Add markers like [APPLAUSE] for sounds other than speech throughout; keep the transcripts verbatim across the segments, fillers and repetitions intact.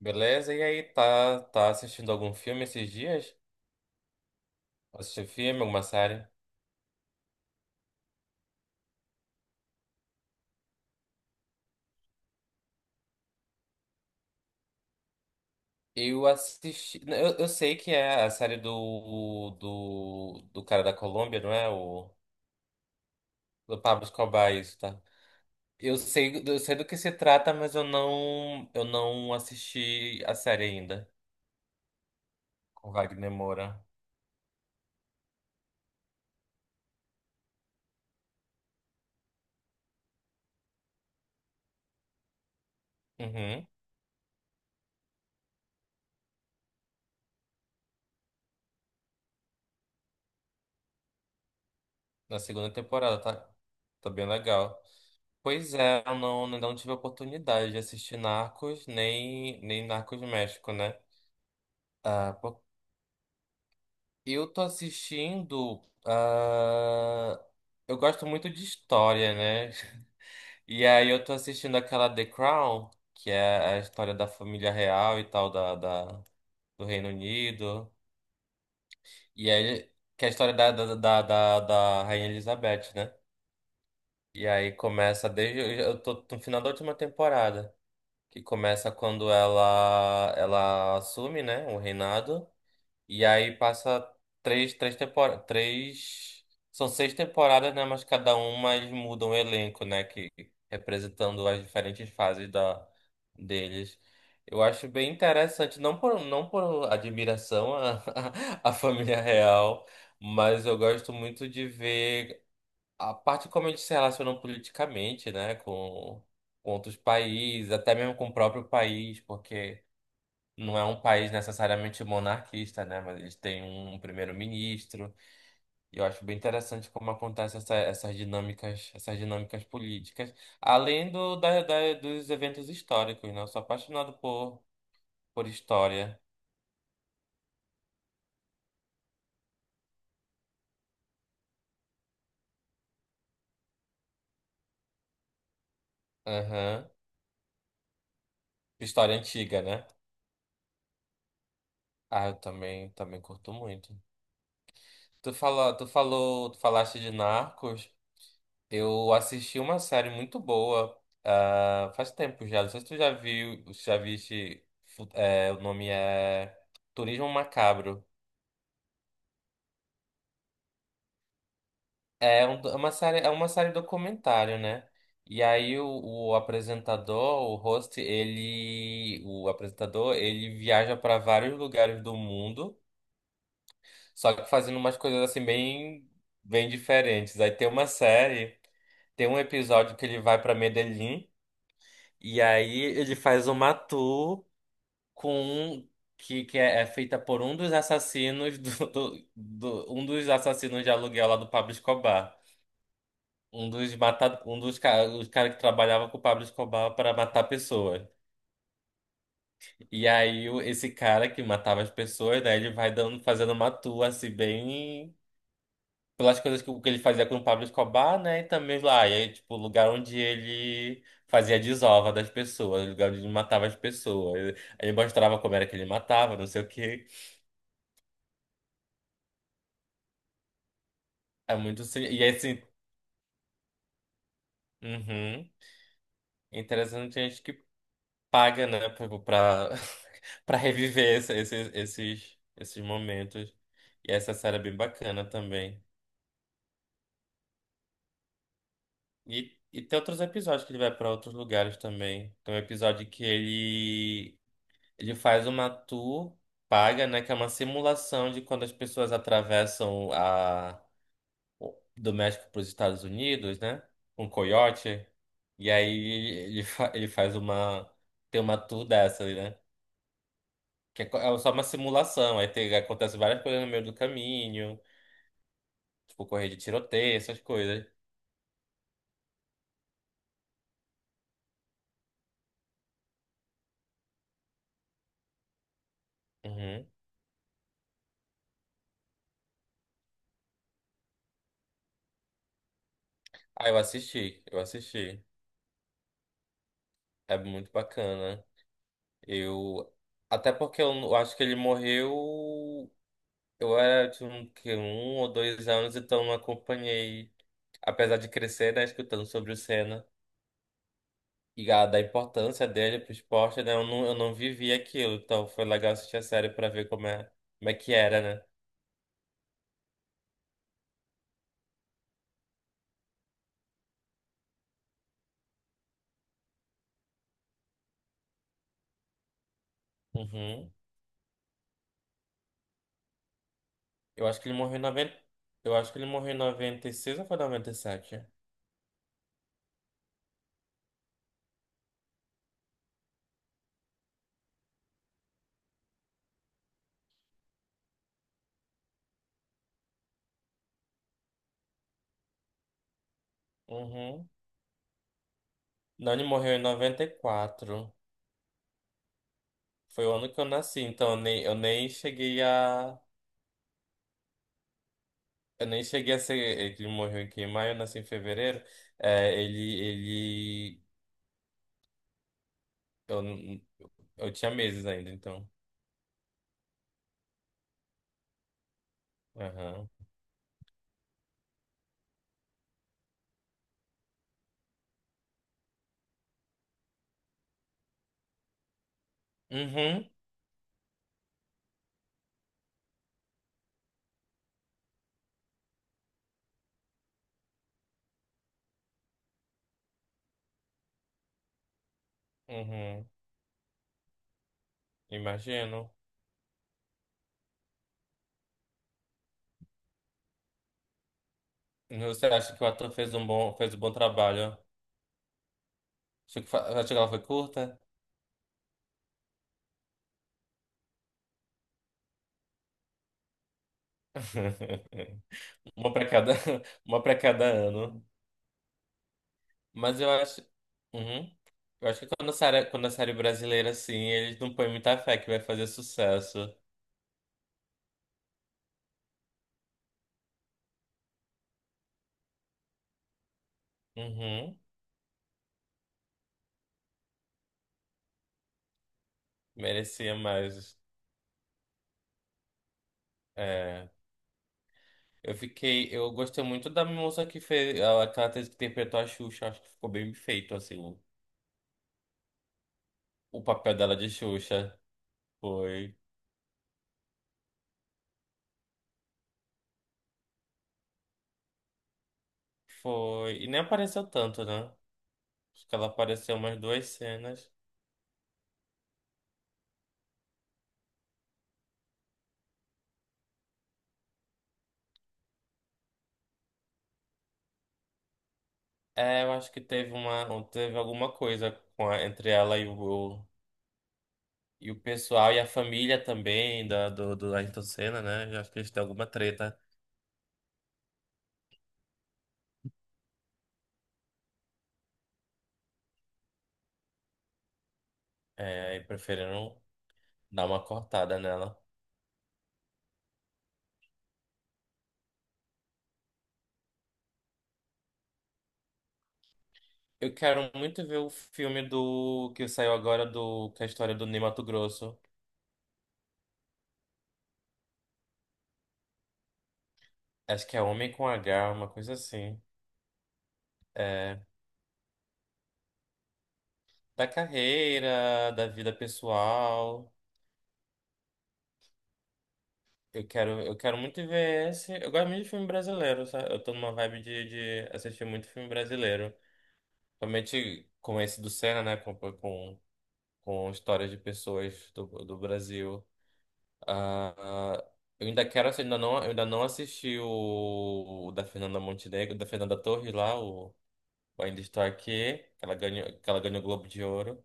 Beleza? E aí, tá, tá assistindo algum filme esses dias? Assistiu filme, alguma série? Eu assisti. Eu, eu sei que é a série do, do, do cara da Colômbia, não é? O, do Pablo Escobar, isso, tá? Eu sei, eu sei do que se trata, mas eu não, eu não assisti a série ainda, com Wagner Moura. Uhum, na segunda temporada, tá? Tá bem legal. Pois é, eu não, ainda não tive a oportunidade de assistir Narcos, nem, nem Narcos México, né? Ah, eu tô assistindo. Ah, eu gosto muito de história, né? [LAUGHS] E aí eu tô assistindo aquela The Crown, que é a história da família real e tal, da, da- do Reino Unido. E aí, que é a história da, da, da, da, da Rainha Elizabeth, né? E aí começa desde. Eu tô no final da última temporada, que começa quando ela, ela assume, né, o reinado. E aí passa três, três temporadas, três, são seis temporadas, né? Mas cada uma eles mudam o elenco, né? Que representando as diferentes fases da deles. Eu acho bem interessante, não por, não por admiração à, [LAUGHS] à família real, mas eu gosto muito de ver a parte como eles se relacionam politicamente, né? Com, com outros países, até mesmo com o próprio país, porque não é um país necessariamente monarquista, né? Mas eles têm um primeiro-ministro. E eu acho bem interessante como acontecem essa- essas dinâmicas, essas dinâmicas políticas, além do, da, da- dos eventos históricos, né? Eu sou apaixonado por, por história. Aham. História antiga, né? Ah, eu também, também curto muito. Tu falou, tu falou, tu falaste de Narcos. Eu assisti uma série muito boa, ah, faz tempo já. Não sei se tu já viu, se já viste, fu- é, o nome é Turismo Macabro. É, um- é uma série, é uma série documentário, né? E aí o, o apresentador, o host, ele, o apresentador, ele viaja para vários lugares do mundo, só que fazendo umas coisas assim bem, bem diferentes. Aí tem uma série, tem um episódio que ele vai para Medellín e aí ele faz uma tour com um que, que é, é, feita por um dos assassinos do, [LAUGHS] do, do- um dos assassinos de aluguel lá do Pablo Escobar. Um dos mata, um dos ca- os cara que trabalhava com o Pablo Escobar para matar pessoas. E aí o- esse cara que matava as pessoas, né, ele vai dando fazendo uma tour assim bem pelas coisas que, o que ele fazia com o Pablo Escobar, né, e também lá, e aí, tipo, o lugar onde ele fazia a desova das pessoas, o lugar onde ele matava as pessoas. Ele mostrava como era que ele matava, não sei o quê. É muito assim. E é assim, uhum, interessante que a gente que paga, né, pra, pra [LAUGHS] pra reviver esse- esses, esses, esses momentos. E essa série é bem bacana também. E, e tem outros episódios que ele vai pra outros lugares também. Tem um episódio que ele, ele faz uma tour paga, né, que é uma simulação de quando as pessoas atravessam a do México para os Estados Unidos, né? Um coiote. E aí ele, fa- ele faz uma. Tem uma tour dessa, né? Que é, co- é só uma simulação. Aí tem, acontece várias coisas no meio do caminho. Tipo, correr de tiroteio, essas coisas. Uhum. Ah, eu assisti, eu assisti. É muito bacana. Eu. Até porque eu, eu acho que ele morreu. Eu era de um, que, um ou dois anos, então não acompanhei. Apesar de crescer, né, escutando sobre o Senna, e a- da importância dele pro esporte, né? Eu não, eu não vivi aquilo, então foi legal assistir a série pra ver como é, como é que era, né? Uhum. Eu acho que ele morreu em noventa eu acho que ele morreu em noventa e seis ou foi noventa e sete? Uhum. Não, ele morreu em noventa e quatro. Foi o ano que eu nasci, então eu nem, eu nem cheguei a. Eu nem cheguei a ser. Ele morreu aqui em maio, eu nasci em fevereiro. É, ele, ele. Eu, n- eu tinha meses ainda, então. Aham. Uhum. Uhum. Imagino. Você acha que o ator fez um bom, fez um bom trabalho? Acho que, fa- acho que ela foi curta? [LAUGHS] Uma para cada, [LAUGHS] uma para cada ano. Mas eu acho. Uhum. Eu acho que quando a série, quando a série brasileira, assim, eles não põem muita fé que vai fazer sucesso. Uhum. Merecia mais. É. Eu fiquei. Eu gostei muito da moça que fez. Ela, aquela atriz que interpretou a Xuxa. Acho que ficou bem feito, assim. O o papel dela de Xuxa. Foi. Foi. E nem apareceu tanto, né? Acho que ela apareceu umas duas cenas. É, eu acho que teve uma, teve alguma coisa com a- entre ela e o, e o pessoal e a família também da, do, do Ayrton Senna, né? Eu acho que eles têm alguma treta. É, e preferiram dar uma cortada nela. Eu quero muito ver o filme do que saiu agora do que é a história do Ney Matogrosso. Acho que é Homem com H, uma coisa assim. É, da carreira, da vida pessoal. Eu quero, eu quero muito ver esse. Eu gosto muito de filme brasileiro, sabe? Eu tô numa vibe de, de assistir muito filme brasileiro. Principalmente com esse do Senna, né? Com, com, com histórias de pessoas do, do Brasil. Ah, ah, eu ainda quero assistir, ainda não, eu ainda não assisti o, o da Fernanda Montenegro, da Fernanda Torres lá, o, o Ainda Estou Aqui, que ela ganhou, que ela ganhou o Globo de Ouro.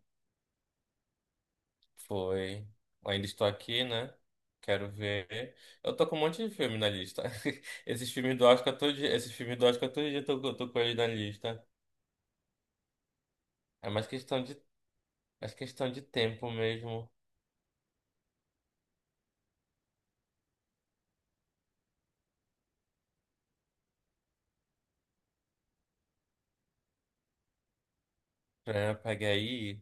Foi. Ainda estou aqui, né? Quero ver. Eu tô com um monte de filme na lista. [LAUGHS] Esses filmes do Oscar todo dia, esses filmes do Oscar todo dia eu tô, eu tô com eles na lista. É mais questão de, mais questão de tempo mesmo pra pegar aí.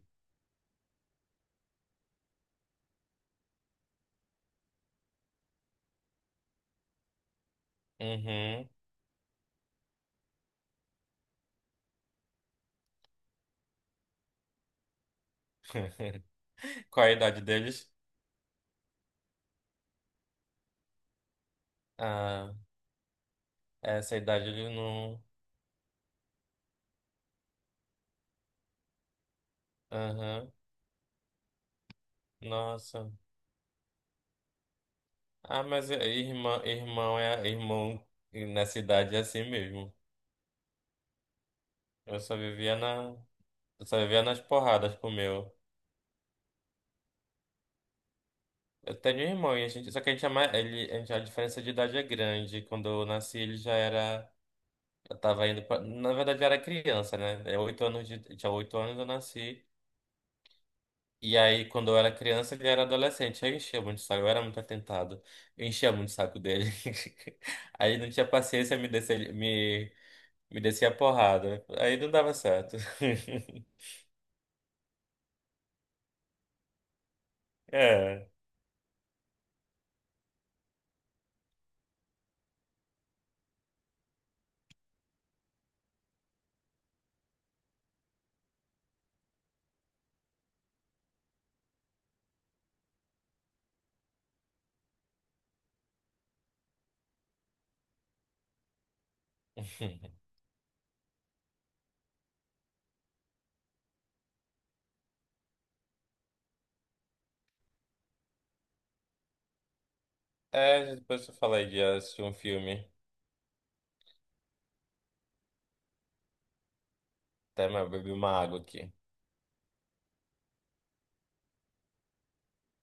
Uhum. [LAUGHS] Qual a idade deles? Ah, essa idade ele não. Aham. Nossa. Ah, mas irmão, irmão é irmão nessa idade é assim mesmo. Eu só vivia na, eu só vivia nas porradas com o meu. Eu tenho um irmão, e a gente, só que a gente é mais, ele, a gente, a diferença de idade é grande. Quando eu nasci, ele já era, eu tava indo pra, na verdade, eu era criança, né? É oito anos de, tinha oito anos eu nasci. E aí, quando eu era criança, ele era adolescente. Aí eu enchia muito o saco, eu era muito atentado. Eu enchia muito o saco dele. [LAUGHS] Aí ele não tinha paciência, me descia, me, me descia a porrada. Aí não dava certo. [LAUGHS] É. [LAUGHS] É, depois eu falei de assistir um filme. Até mas eu bebi uma água aqui.